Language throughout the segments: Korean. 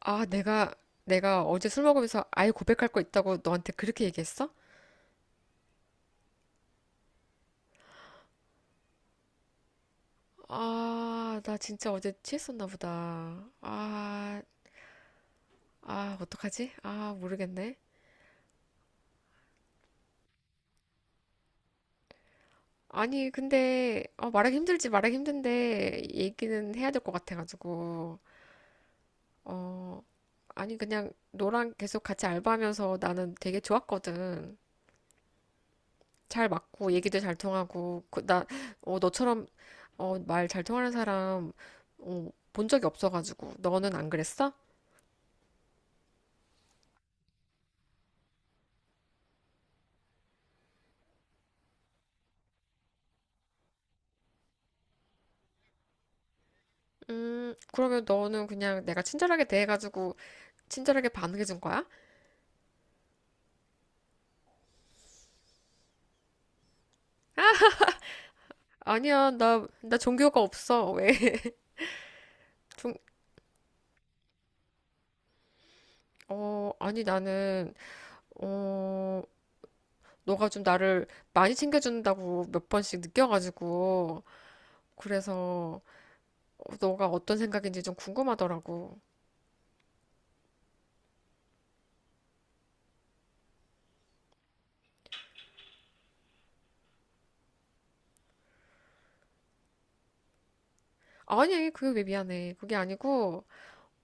아, 내가 어제 술 먹으면서 아예 고백할 거 있다고 너한테 그렇게 얘기했어? 아, 나 진짜 어제 취했었나 보다. 아, 아, 어떡하지? 아, 모르겠네. 아니, 근데, 말하기 힘들지, 말하기 힘든데, 얘기는 해야 될 것 같아가지고. 어, 아니, 그냥 너랑 계속 같이 알바하면서 나는 되게 좋았거든. 잘 맞고 얘기도 잘 통하고 그, 나 너처럼 말 잘 통하는 사람 본 적이 없어가지고 너는 안 그랬어? 그러면 너는 그냥 내가 친절하게 대해가지고 친절하게 반응해준 거야? 아니야 나 종교가 없어 왜? 종, 아니 나는 어 너가 좀 나를 많이 챙겨준다고 몇 번씩 느껴가지고 그래서 너가 어떤 생각인지 좀 궁금하더라고. 아니 그게 왜 미안해 그게 아니고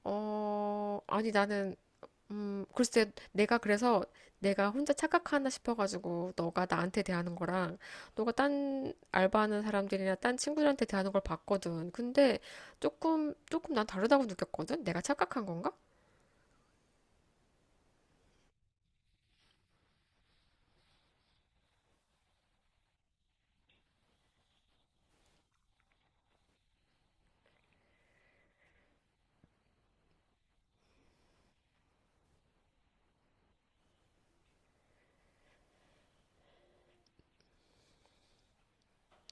아니 나는 글쎄 내가 그래서 내가 혼자 착각하나 싶어가지고 너가 나한테 대하는 거랑 너가 딴 알바하는 사람들이나 딴 친구들한테 대하는 걸 봤거든. 근데 조금 난 다르다고 느꼈거든. 내가 착각한 건가?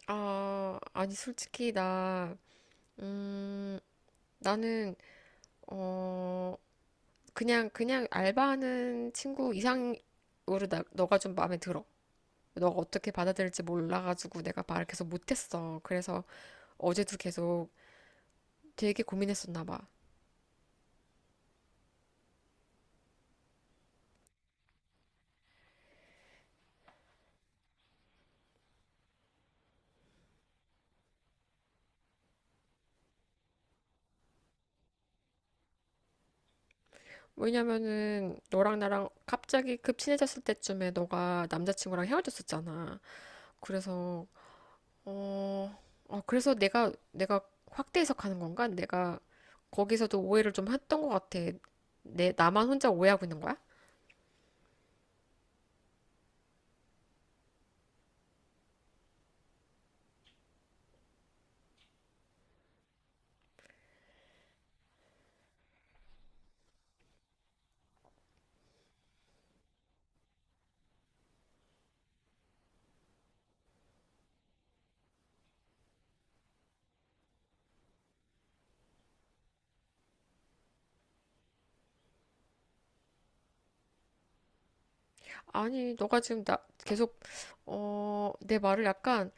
아, 아니 솔직히 나 음, 나는 어, 그냥 알바하는 친구 이상으로 나, 너가 좀 마음에 들어. 너가 어떻게 받아들일지 몰라가지고 내가 말을 계속 못했어. 그래서 어제도 계속 되게 고민했었나 봐. 왜냐면은 너랑 나랑 갑자기 급 친해졌을 때쯤에 너가 남자친구랑 헤어졌었잖아. 그래서 어, 그래서 내가 확대 해석하는 건가? 내가 거기서도 오해를 좀 했던 것 같아. 내 나만 혼자 오해하고 있는 거야? 아니, 너가 지금 나 계속 내 말을 약간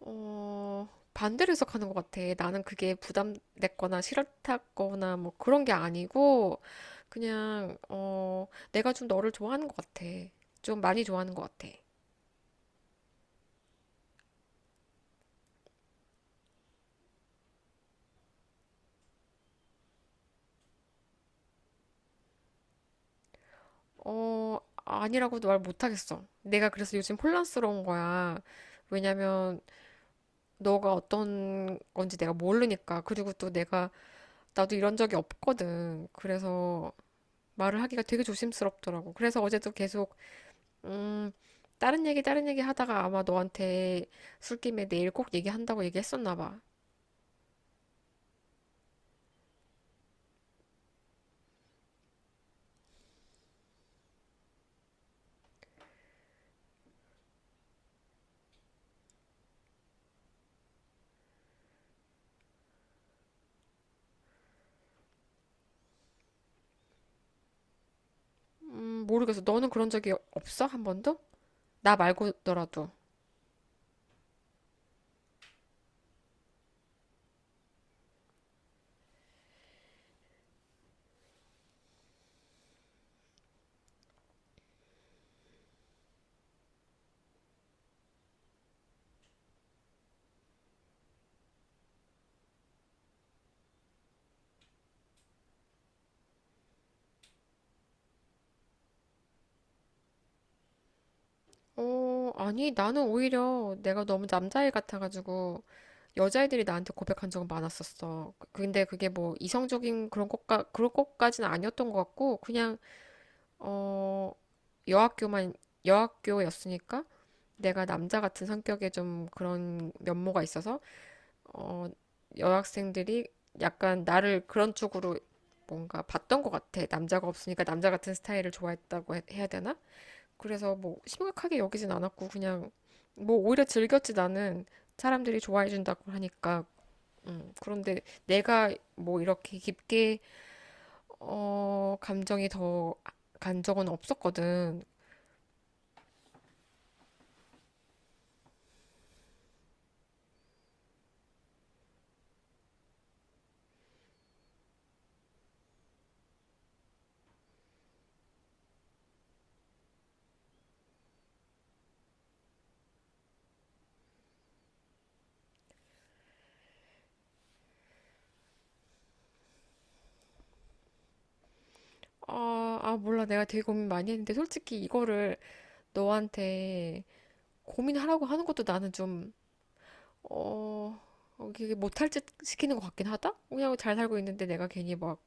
어, 반대로 해석하는 것 같아. 나는 그게 부담됐거나 싫었다거나 뭐 그런 게 아니고, 그냥, 어, 내가 좀 너를 좋아하는 것 같아. 좀 많이 좋아하는 것 같아. 어, 아니라고도 말 못하겠어. 내가 그래서 요즘 혼란스러운 거야. 왜냐면, 너가 어떤 건지 내가 모르니까. 그리고 또 내가, 나도 이런 적이 없거든. 그래서 말을 하기가 되게 조심스럽더라고. 그래서 어제도 계속 음, 다른 얘기 하다가 아마 너한테 술김에 내일 꼭 얘기한다고 얘기했었나 봐. 모르겠어. 너는 그런 적이 없어? 한 번도? 나 말고더라도. 어, 아니, 나는 오히려 내가 너무 남자애 같아가지고 여자애들이 나한테 고백한 적은 많았었어. 그, 근데 그게 뭐 이성적인 그런 것까지는 아니었던 것 같고, 어, 여학교만, 여학교였으니까 내가 남자 같은 성격에 좀 그런 면모가 있어서 어, 여학생들이 약간 나를 그런 쪽으로 뭔가 봤던 것 같아. 남자가 없으니까 남자 같은 스타일을 좋아했다고 해야 되나? 그래서 뭐 심각하게 여기진 않았고 그냥 뭐 오히려 즐겼지 나는 사람들이 좋아해 준다고 하니까. 그런데 내가 뭐 이렇게 깊게 감정이 더 간 적은 없었거든. 아, 몰라. 내가 되게 고민 많이 했는데 솔직히 이거를 너한테 고민하라고 하는 것도 나는 좀 어, 이게 못할 짓 시키는 것 같긴 하다? 그냥 잘 살고 있는데 내가 괜히 막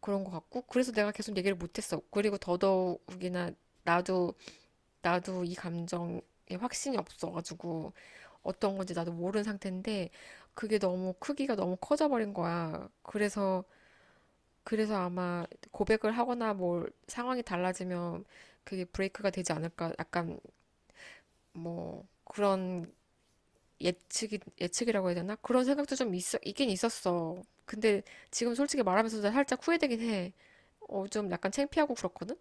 그런 것 같고, 그래서 내가 계속 얘기를 못했어. 그리고 더더욱이나 나도, 나도 이 감정에 확신이 없어가지고, 어떤 건지 나도 모르는 상태인데, 그게 너무 크기가 너무 커져버린 거야. 그래서 아마 고백을 하거나 뭘 상황이 달라지면 그게 브레이크가 되지 않을까, 약간 뭐, 그런 예측이라고 해야 되나? 그런 생각도 좀 있어 있긴 있었어. 근데 지금 솔직히 말하면서도 살짝 후회되긴 해. 어, 좀 약간 창피하고 그렇거든?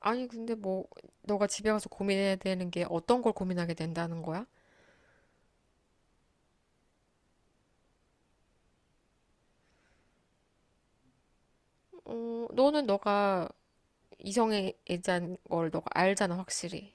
아니, 근데 뭐, 너가 집에 가서 고민해야 되는 게 어떤 걸 고민하게 된다는 거야? 어, 너는 너가 이성애자인 걸 너가 알잖아, 확실히.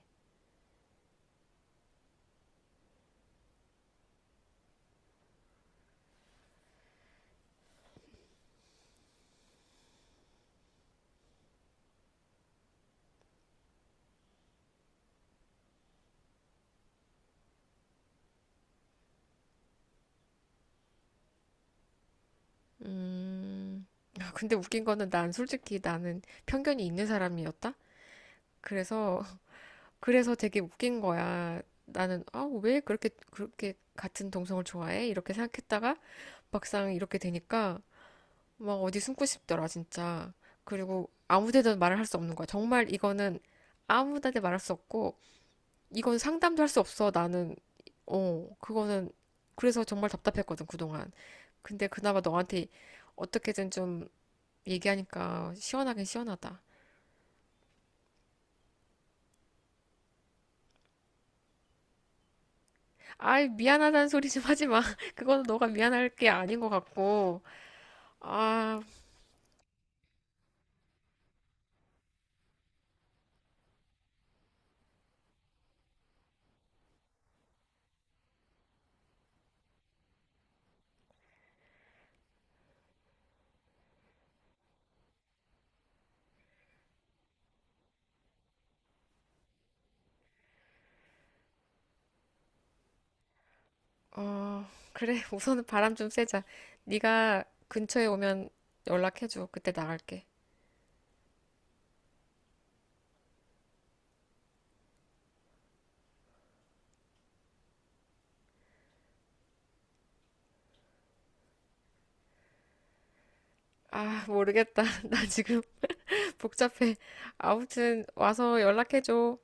음, 아, 근데 웃긴 거는 난 솔직히 나는 편견이 있는 사람이었다? 그래서 그래서 되게 웃긴 거야. 나는 아, 왜 그렇게 같은 동성을 좋아해? 이렇게 생각했다가 막상 이렇게 되니까 막 어디 숨고 싶더라, 진짜. 그리고 아무 데도 말을 할 수 없는 거야. 정말 이거는 아무 데도 말할 수 없고 이건 상담도 할 수 없어. 나는 그거는 그래서 정말 답답했거든, 그동안. 근데 그나마 너한테 어떻게든 좀 얘기하니까 시원하긴 시원하다. 아이, 미안하다는 소리 좀 하지 마. 그거는 너가 미안할 게 아닌 것 같고. 아, 어, 그래. 우선은 바람 좀 쐬자. 네가 근처에 오면 연락해줘. 그때 나갈게. 아, 모르겠다. 나 지금 복잡해. 아무튼 와서 연락해줘.